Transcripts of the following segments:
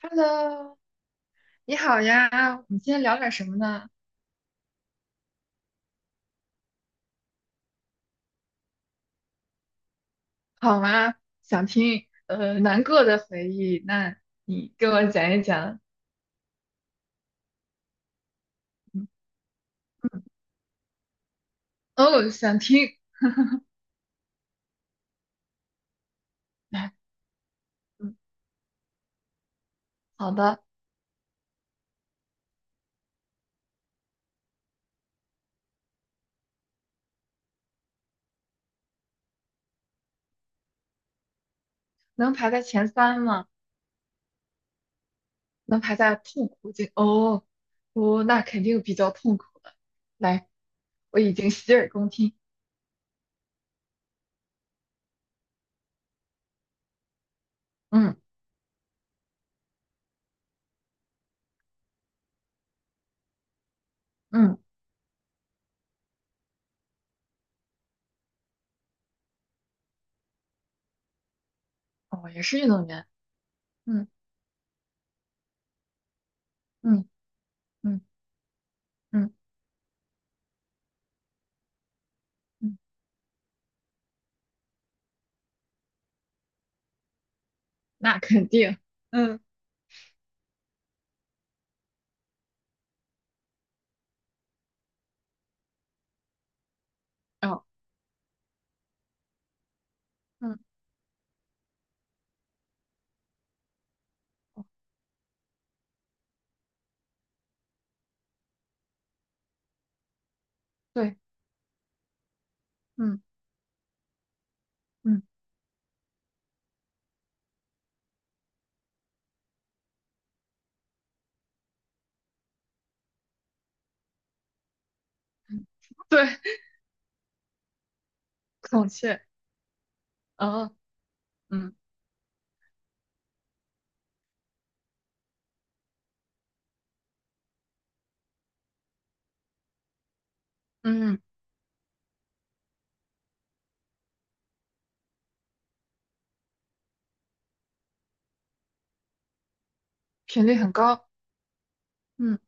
Hello，你好呀，我们今天聊点什么呢？好吗？想听难过的回忆，那你给我讲一讲。嗯嗯哦，想听。来嗯，好的，能排在前三吗？能排在痛苦这哦哦，那肯定比较痛苦了。来，我已经洗耳恭听。嗯嗯，哦，也是运动员。嗯嗯嗯嗯嗯，那肯定。嗯哦嗯，对，嗯嗯对。孔雀，哦，嗯嗯，频率很高，嗯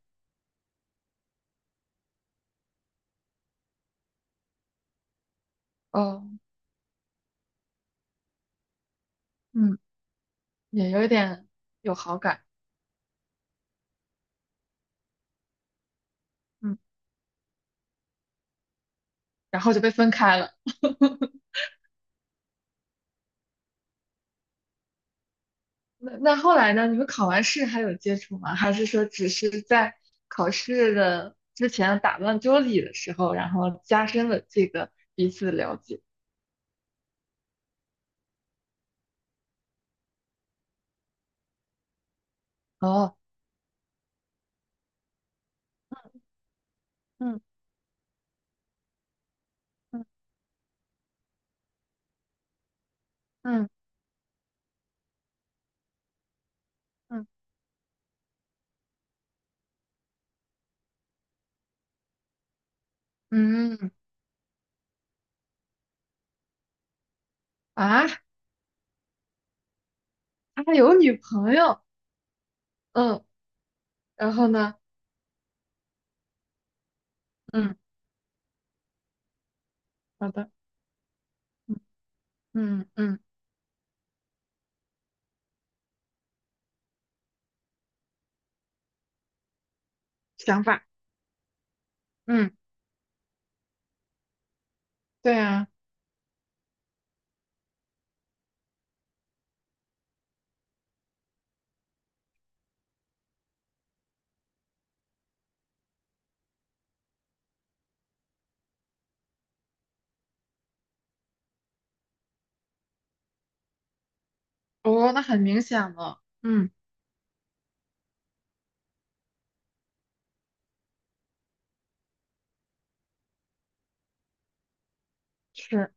哦嗯，也有一点有好感，嗯，然后就被分开了。那后来呢？你们考完试还有接触吗？还是说只是在考试的之前打乱桌椅的时候，然后加深了这个彼此的了解？哦，嗯嗯嗯嗯嗯啊，他有女朋友，嗯，然后呢？嗯，好的，嗯嗯嗯，想法。嗯。对呀、哦，那很明显了，嗯，是，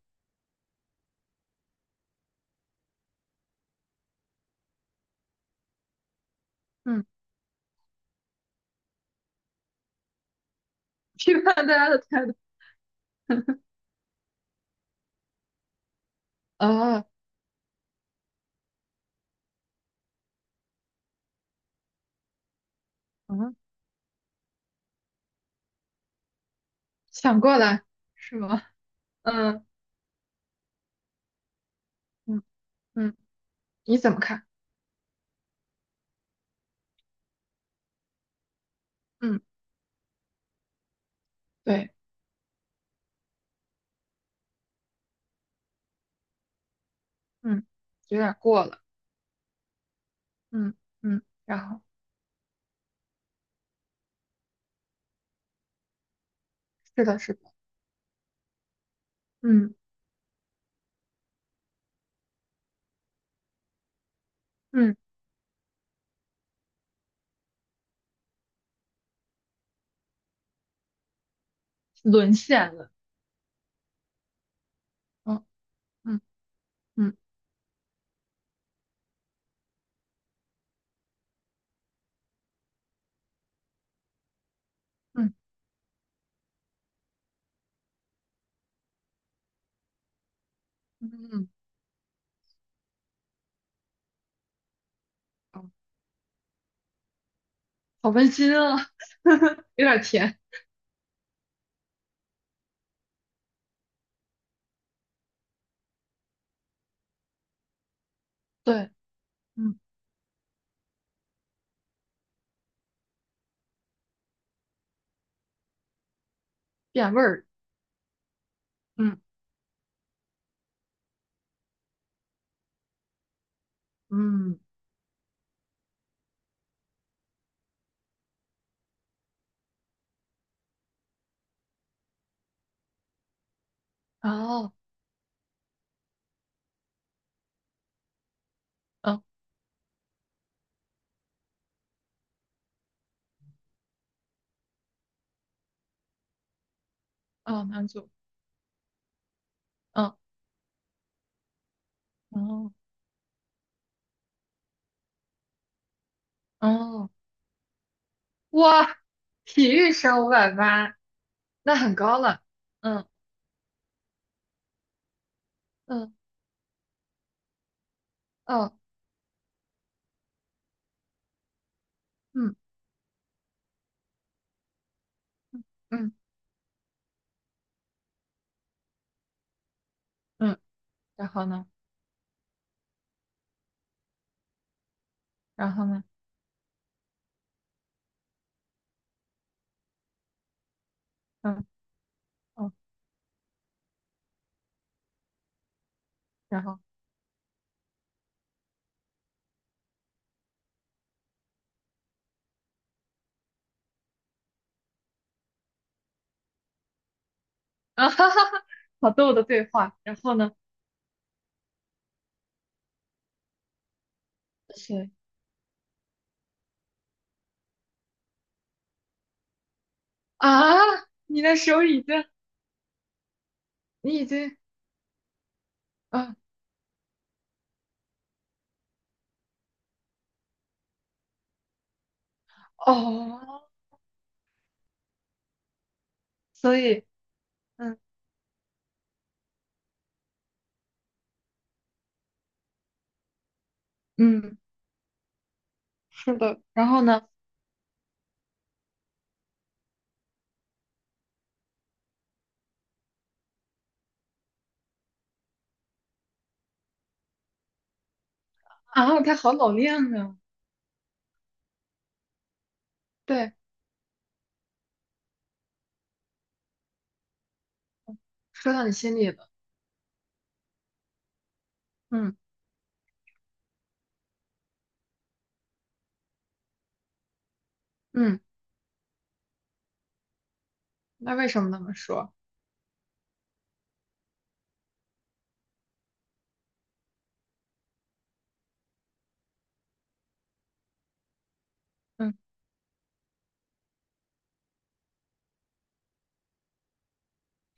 嗯，批判大家的态度，哦，嗯，想过来是吗？嗯嗯嗯，你怎么看？嗯，对，嗯，有点过了，嗯嗯，然后是的，是的，嗯嗯，沦陷了，嗯嗯嗯嗯嗯嗯，好温馨啊，有点甜，对，嗯，变味儿，嗯嗯，哦，嗯哦，男主，嗯哦。哦，哇，体育生580，那很高了。嗯嗯哦嗯嗯嗯，然后呢？然后呢？嗯哦，然后啊哈哈哈，好逗的对话。然后呢？是啊，你的手已经，你已经，嗯哦，所以嗯嗯，是的。然后呢？啊，他好老练呢。对，说到你心里了。嗯嗯，那为什么那么说？嗯。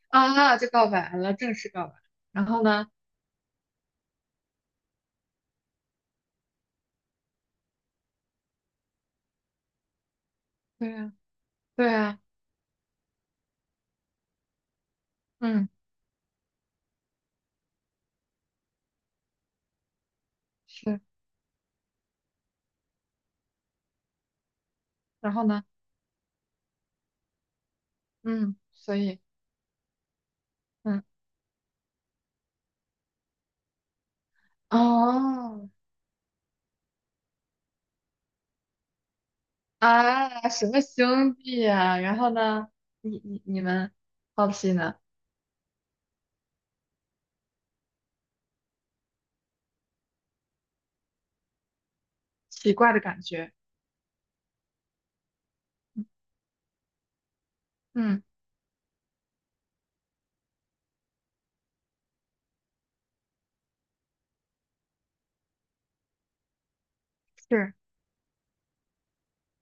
啊，啊就告白了，正式告白。然后呢，对呀，对呀，嗯，是。然后呢，嗯，所以，嗯，哦，啊，什么兄弟呀、然后呢，你们好奇呢，奇怪的感觉，嗯，是，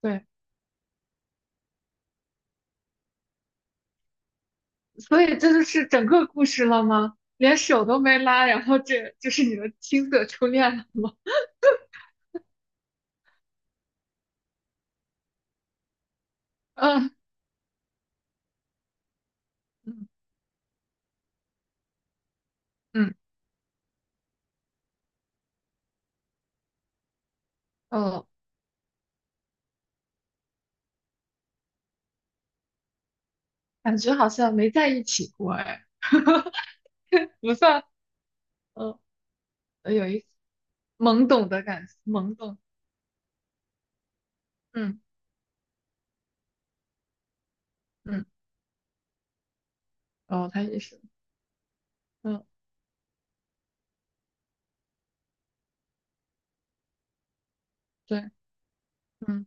对。所以这就是整个故事了吗？连手都没拉，然后这就是你的青涩初恋了吗？嗯嗯嗯，哦，感觉好像没在一起过哎。不算，嗯呃有一懵懂的感觉，懵懂，嗯嗯，哦，他也是，嗯，对，嗯，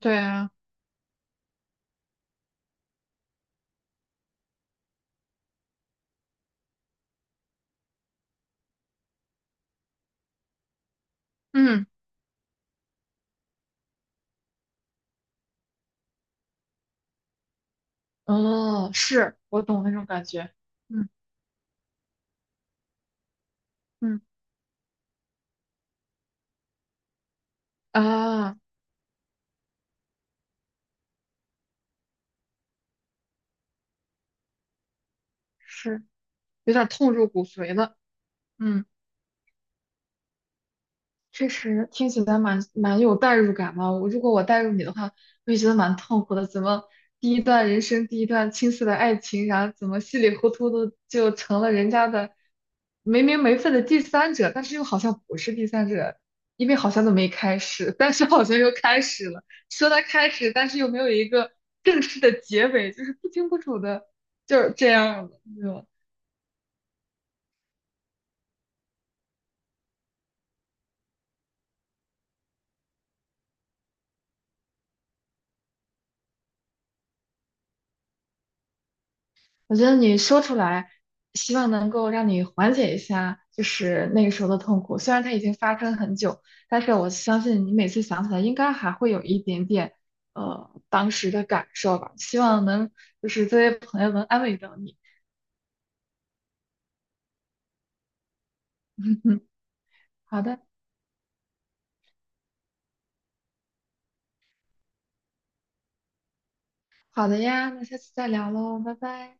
对啊，嗯，哦，是我懂那种感觉，嗯嗯啊，是有点痛入骨髓了，嗯。确实听起来蛮有代入感嘛。我如果我代入你的话，我也觉得蛮痛苦的。怎么第一段人生第一段青涩的爱情，然后怎么稀里糊涂的就成了人家的没名没分的第三者，但是又好像不是第三者，因为好像都没开始，但是好像又开始了。说他开始，但是又没有一个正式的结尾，就是不清不楚的，就是这样的。我觉得你说出来，希望能够让你缓解一下，就是那个时候的痛苦。虽然它已经发生很久，但是我相信你每次想起来，应该还会有一点点，当时的感受吧。希望能就是这些朋友能安慰到你。好的，好的呀，那下次再聊喽，拜拜。